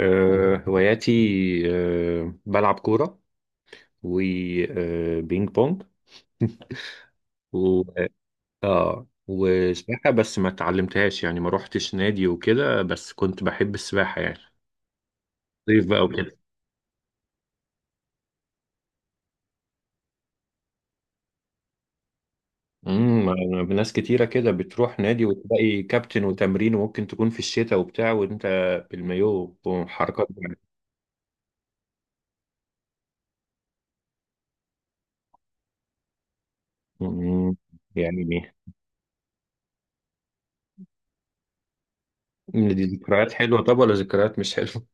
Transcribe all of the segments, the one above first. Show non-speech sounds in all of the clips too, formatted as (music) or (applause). هواياتي. بلعب كورة وبينج بونج و اه وسباحة، بس ما اتعلمتهاش يعني، ما روحتش نادي وكده، بس كنت بحب السباحة يعني. صيف بقى وكده. أنا ناس كتيرة كده بتروح نادي وتلاقي كابتن وتمرين، وممكن تكون في الشتاء وبتاع، وانت بالمايو وحركات بقى. أمم، يعني دي ذكريات حلوة طب ولا ذكريات مش حلوة؟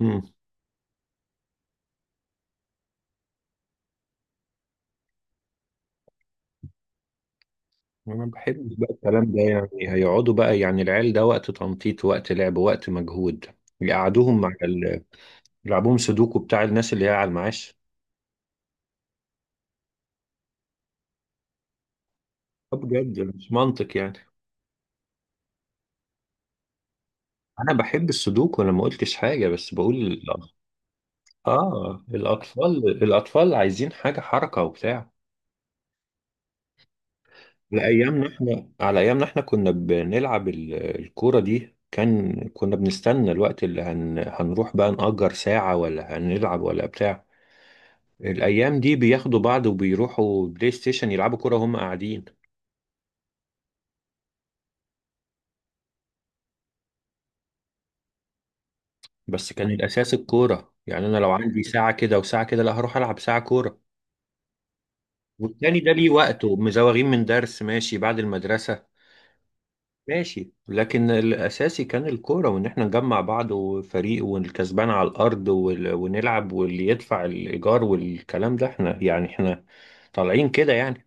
امم انا بحب بقى الكلام ده، يعني هيقعدوا بقى يعني العيال ده وقت تنطيط وقت لعب وقت مجهود يقعدوهم على ال... يلعبوهم سودوكو بتاع الناس اللي هي على المعاش؟ آه بجد مش منطق يعني. انا بحب السودوكو، انا ما قلتش حاجه، بس بقول اه. الاطفال عايزين حاجه حركه وبتاع. على ايامنا احنا كنا بنلعب الكوره دي، كان كنا بنستنى الوقت اللي هنروح بقى نأجر ساعه ولا هنلعب ولا بتاع. الأيام دي بياخدوا بعض وبيروحوا بلاي ستيشن يلعبوا كورة وهم قاعدين. بس كان الأساس الكورة، يعني أنا لو عندي ساعة كده وساعة كده، لا، هروح ألعب ساعة كورة، والتاني ده ليه وقته، مزوغين من درس ماشي، بعد المدرسة ماشي، لكن الأساسي كان الكورة، وإن إحنا نجمع بعض وفريق والكسبان على الأرض ونلعب، واللي يدفع الإيجار والكلام ده، إحنا يعني إحنا طالعين كده يعني.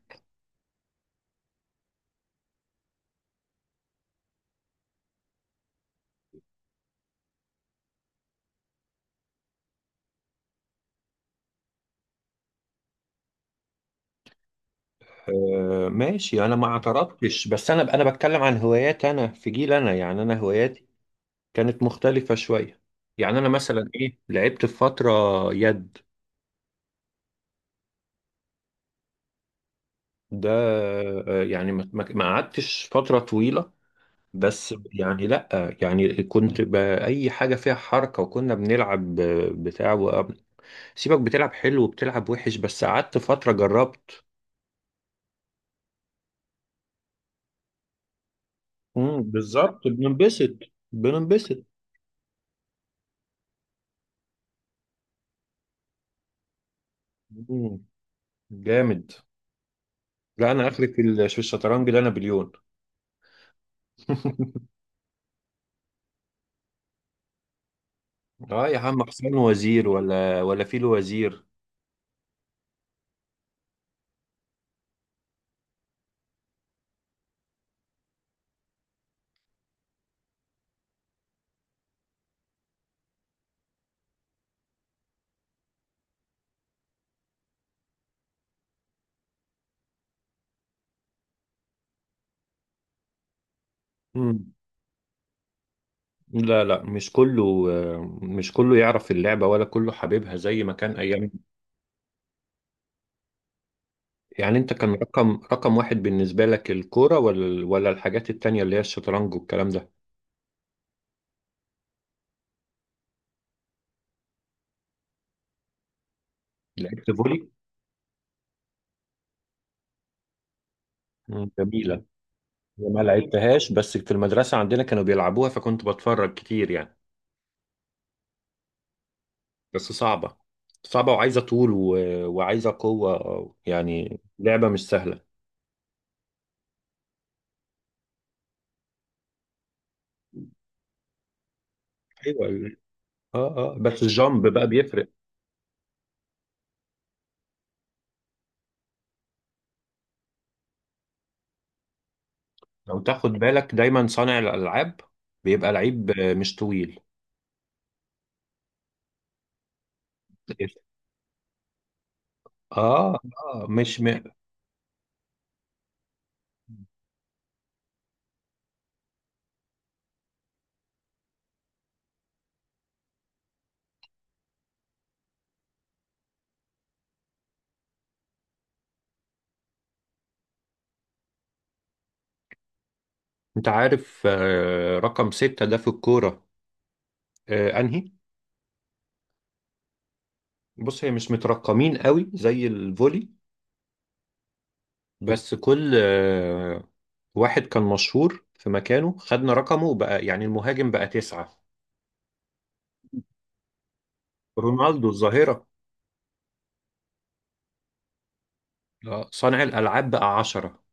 ماشي، انا ما اعترضتش، بس انا بتكلم عن هوايات، انا في جيل انا، يعني انا هواياتي كانت مختلفة شوية. يعني أنا مثلا إيه، لعبت في فترة يد. ده يعني ما قعدتش فترة طويلة، بس يعني لأ، يعني كنت بأي حاجة فيها حركة، وكنا بنلعب بتاع سيبك، بتلعب حلو وبتلعب وحش، بس قعدت فترة جربت. بالظبط بننبسط، بننبسط. مم، جامد. لا، أنا آخري في في الشطرنج ده نابليون. (laughs) اه يا عم، حسين وزير ولا فيل وزير. لا لا مش كله، مش كله يعرف اللعبة، ولا كله حبيبها زي ما كان أيام. يعني أنت، كان رقم واحد بالنسبة لك الكورة، ولا الحاجات التانية اللي هي الشطرنج والكلام ده؟ لعبت فولي. جميلة. ما لعبتهاش، بس في المدرسة عندنا كانوا بيلعبوها، فكنت بتفرج كتير يعني. بس صعبة، صعبة وعايزة طول و... وعايزة قوة، يعني لعبة مش سهلة. ايوه. اه اه، بس الجامب بقى بيفرق. لو تاخد بالك، دايما صانع الألعاب بيبقى لعيب مش طويل. اه اه مش م... انت عارف رقم ستة ده في الكورة انهي؟ بص، هي مش مترقمين قوي زي الفولي، بس كل واحد كان مشهور في مكانه، خدنا رقمه وبقى يعني المهاجم بقى تسعة. رونالدو الظاهرة. صانع الألعاب بقى عشرة،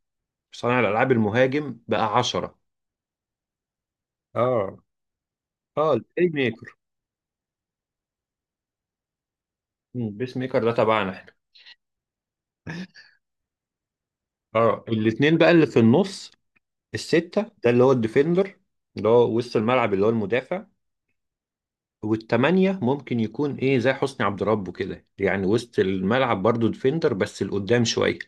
صانع الألعاب المهاجم بقى عشرة. اه اه، البلاي ميكر. البيس ميكر ده تبعنا احنا. اه، الاتنين بقى اللي في النص، الستة ده اللي هو الديفندر، اللي هو وسط الملعب، اللي هو المدافع. والتمانية ممكن يكون ايه زي حسني عبد ربه كده، يعني وسط الملعب برضو ديفندر بس لقدام شوية.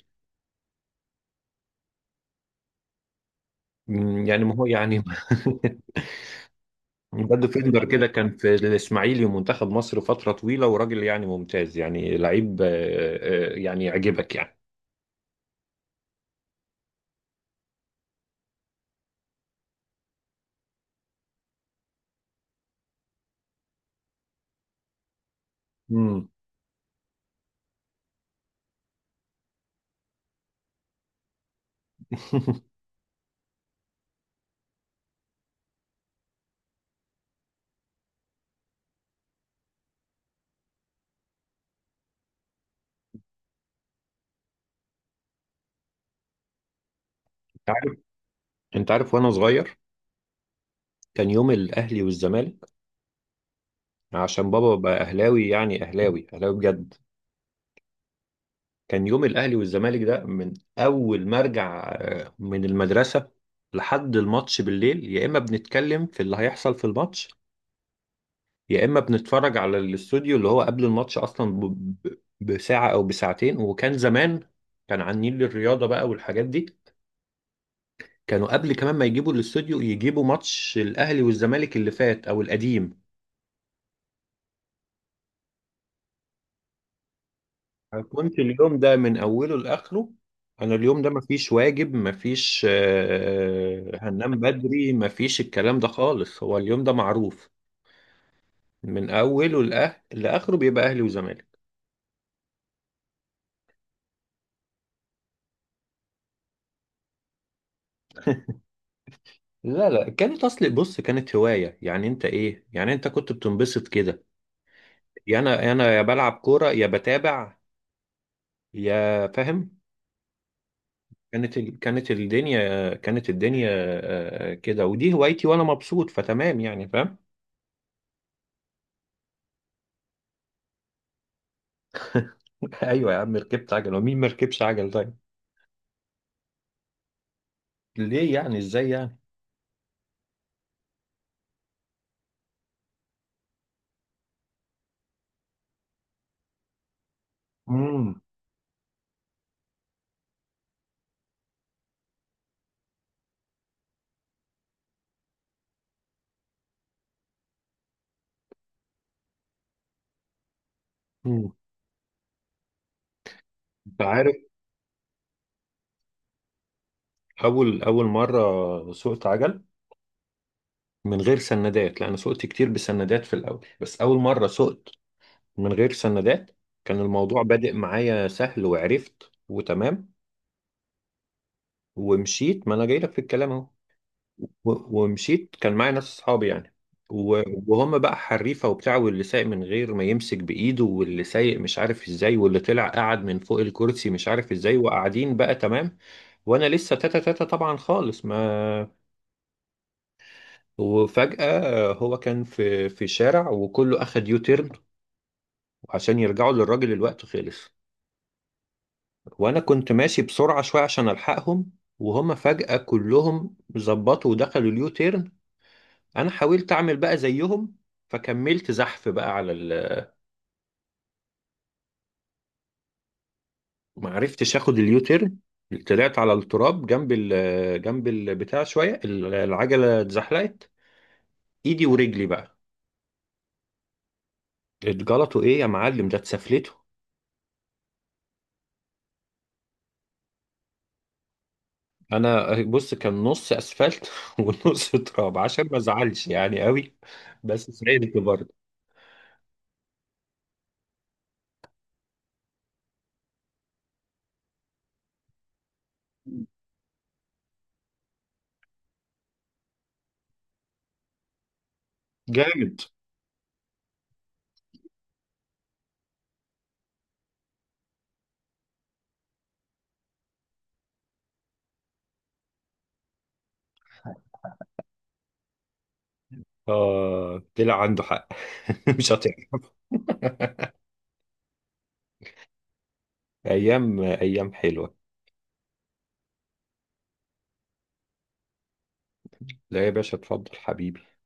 يعني ما هو يعني. (laughs) ده ديفندر كده، كان في الاسماعيلي ومنتخب مصر فترة طويلة، وراجل يعني ممتاز، يعني لعيب يعني يعجبك يعني. مم. (laughs) عارف. انت عارف، وانا صغير كان يوم الاهلي والزمالك، عشان بابا بقى اهلاوي، يعني اهلاوي اهلاوي بجد. كان يوم الاهلي والزمالك ده من اول ما ارجع من المدرسه لحد الماتش بالليل، يا اما بنتكلم في اللي هيحصل في الماتش، يا اما بنتفرج على الاستوديو اللي هو قبل الماتش اصلا بساعه او بساعتين، وكان زمان كان عن نيل الرياضه بقى والحاجات دي. كانوا قبل كمان ما يجيبوا الاستوديو يجيبوا ماتش الاهلي والزمالك اللي فات او القديم. أنا كنت اليوم ده من أوله لآخره. أنا اليوم ده مفيش واجب، مفيش هننام بدري، مفيش الكلام ده خالص، هو اليوم ده معروف من أوله لآخره بيبقى أهلي وزمالك. لا لا، كانت، أصل بص كانت هواية، يعني أنت إيه، يعني أنت كنت بتنبسط كده، يا أنا. أنا يا بلعب كورة يا بتابع، يا فاهم. كانت ال... كانت الدنيا، كانت الدنيا كده، ودي هوايتي وأنا مبسوط فتمام، يعني فاهم. (laughs) ايوه يا عم، ركبت عجل ومين ما ركبش عجل طيب؟ ليه يعني ازاي يعني؟ امم. مم. انت عارف، اول اول مره سوقت عجل من غير سندات، لان سوقت كتير بسندات في الاول، بس اول مره سوقت من غير سندات كان الموضوع بادئ معايا سهل، وعرفت وتمام ومشيت، ما انا جاي لك في الكلام اهو. و- ومشيت، كان معايا ناس اصحابي يعني و- وهم بقى حريفه وبتاع، واللي سايق من غير ما يمسك بايده، واللي سايق مش عارف ازاي، واللي طلع قعد من فوق الكرسي مش عارف ازاي، وقاعدين بقى تمام، وانا لسه تاتا تاتا طبعا خالص ما. وفجأة هو كان في شارع وكله اخد يو تيرن عشان يرجعوا للراجل، الوقت خلص، وانا كنت ماشي بسرعة شوية عشان الحقهم، وهم فجأة كلهم ظبطوا ودخلوا اليو تيرن. انا حاولت اعمل بقى زيهم، فكملت زحف بقى على ال... ما عرفتش اخد اليوتيرن، طلعت على التراب جنب ال... جنب البتاع شويه، العجله اتزحلقت، ايدي ورجلي بقى اتجلطوا، ايه يا معلم ده اتسفلته. انا بص، كان نص اسفلت (laughs) ونص تراب، عشان ما ازعلش يعني قوي، بس سعيد برضه. جامد. اه طلع عنده حق. (laughs) مش هتعرف. (laughs) ايام ايام حلوه. لا يا باشا، اتفضل حبيبي.